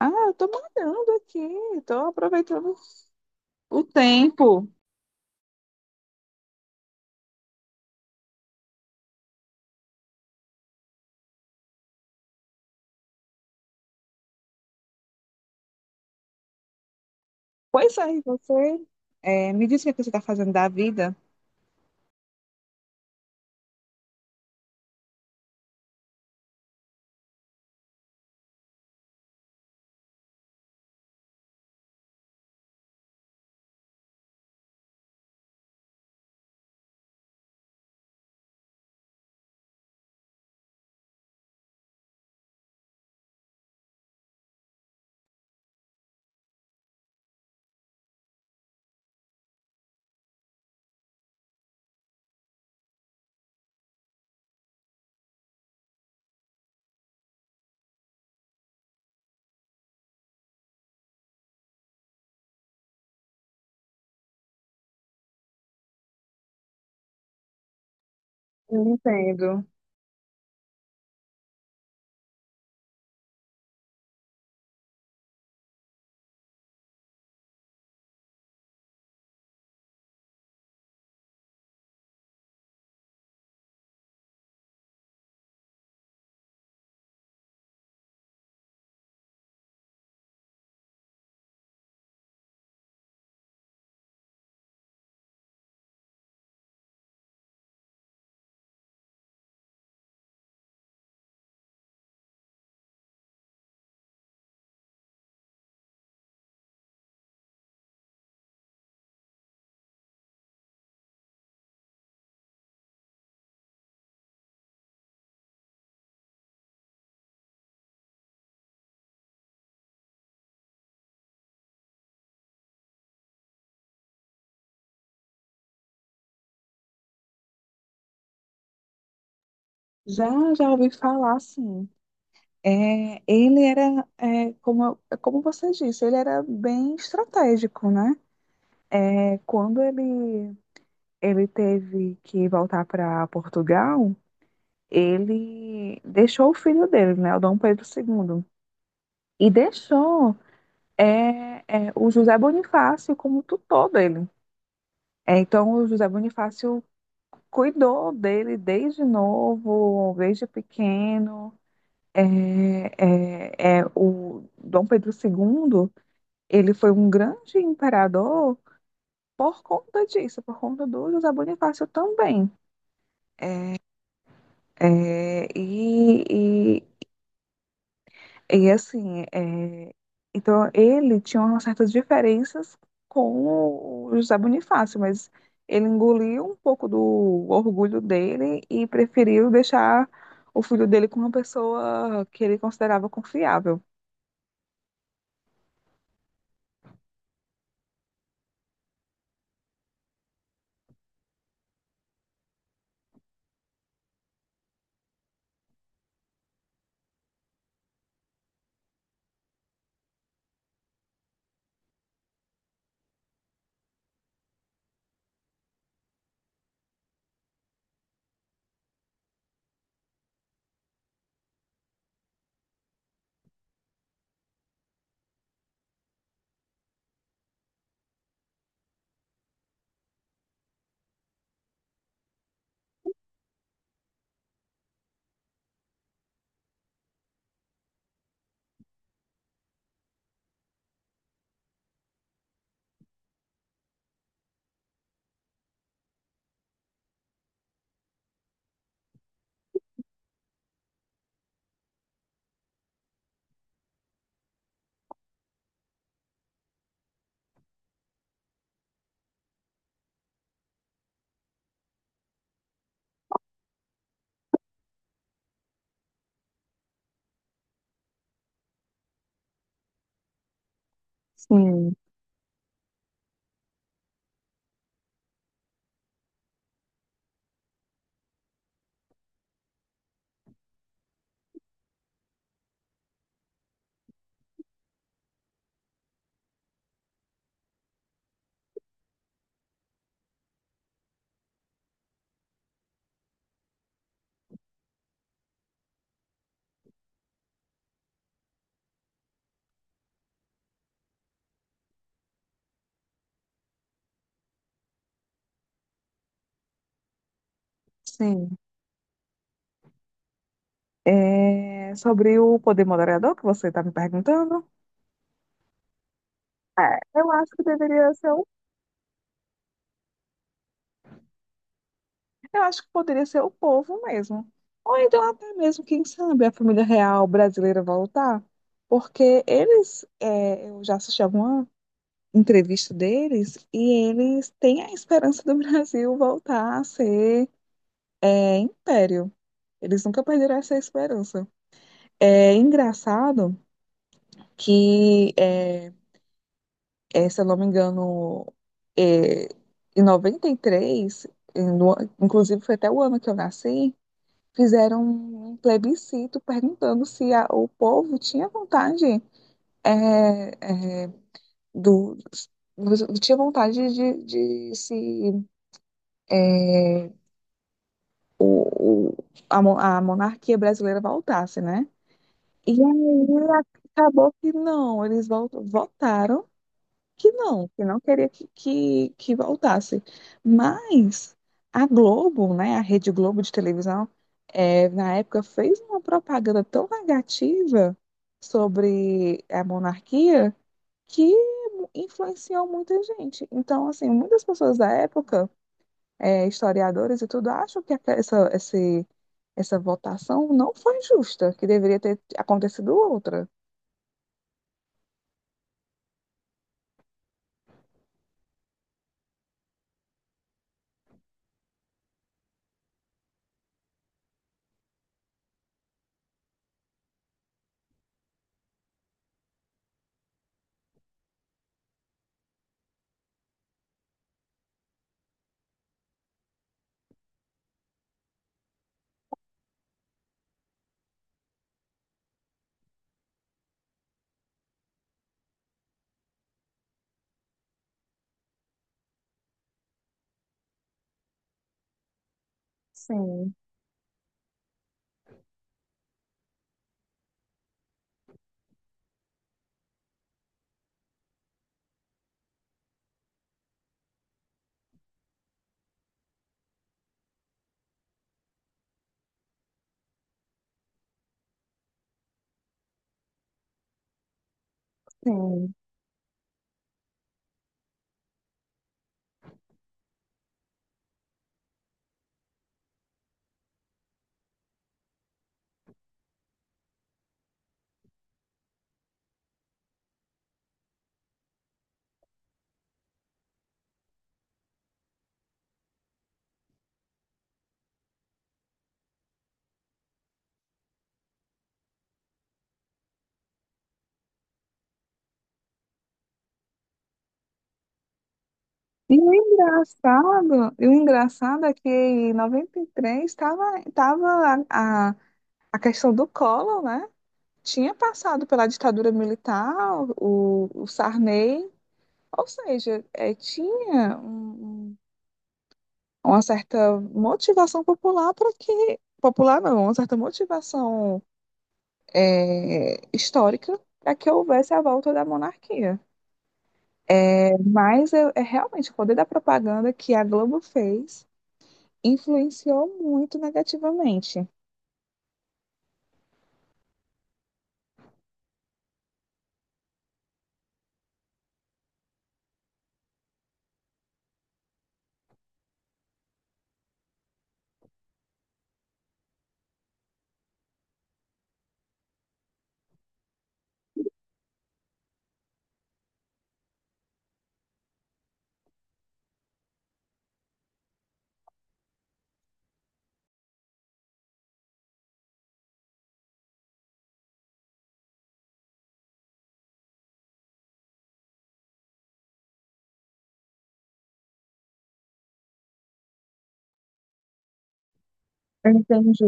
Eu tô malhando aqui, tô aproveitando o tempo. Pois é, e você me diz o que é você está fazendo da vida. Eu entendo. Já, já ouvi falar, sim. Ele era, como, como você disse, ele era bem estratégico, né? Quando ele teve que voltar para Portugal, ele deixou o filho dele, né? O Dom Pedro II. E deixou é, o José Bonifácio como tutor dele. É, então, o José Bonifácio cuidou dele desde novo, desde pequeno. É, o Dom Pedro II, ele foi um grande imperador por conta disso, por conta do José Bonifácio também. É, e, E assim, é, então ele tinha umas certas diferenças com o José Bonifácio, mas ele engoliu um pouco do orgulho dele e preferiu deixar o filho dele com uma pessoa que ele considerava confiável. Sim, sim. É, sobre o poder moderador que você está me perguntando, é, eu acho que deveria ser eu acho que poderia ser o povo mesmo. Ou então até mesmo, quem sabe, a família real brasileira voltar. Porque eles, é, eu já assisti alguma entrevista deles e eles têm a esperança do Brasil voltar a ser é, império. Eles nunca perderam essa esperança. É engraçado que, se eu não me engano, é, em 93, inclusive foi até o ano que eu nasci, fizeram um plebiscito perguntando se o povo tinha vontade é, é, do tinha vontade de se é, o, o- a monarquia brasileira voltasse, né? E aí acabou que não, eles votaram que não queria que voltasse. Mas a Globo, né, a Rede Globo de televisão, é, na época fez uma propaganda tão negativa sobre a monarquia que influenciou muita gente. Então, assim, muitas pessoas da época, é, historiadores e tudo, acham que essa votação não foi justa, que deveria ter acontecido outra. Sim, sim. E o engraçado é que em 93 estava tava a questão do Collor, né? Tinha passado pela ditadura militar, o Sarney, ou seja, tinha uma certa motivação popular para que, popular não, uma certa motivação histórica para que houvesse a volta da monarquia. É, mas é realmente o poder da propaganda que a Globo fez influenciou muito negativamente. Entendi.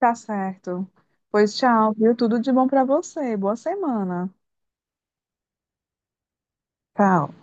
Tá certo. Pois tchau, viu? Tudo de bom pra você. Boa semana. Tchau.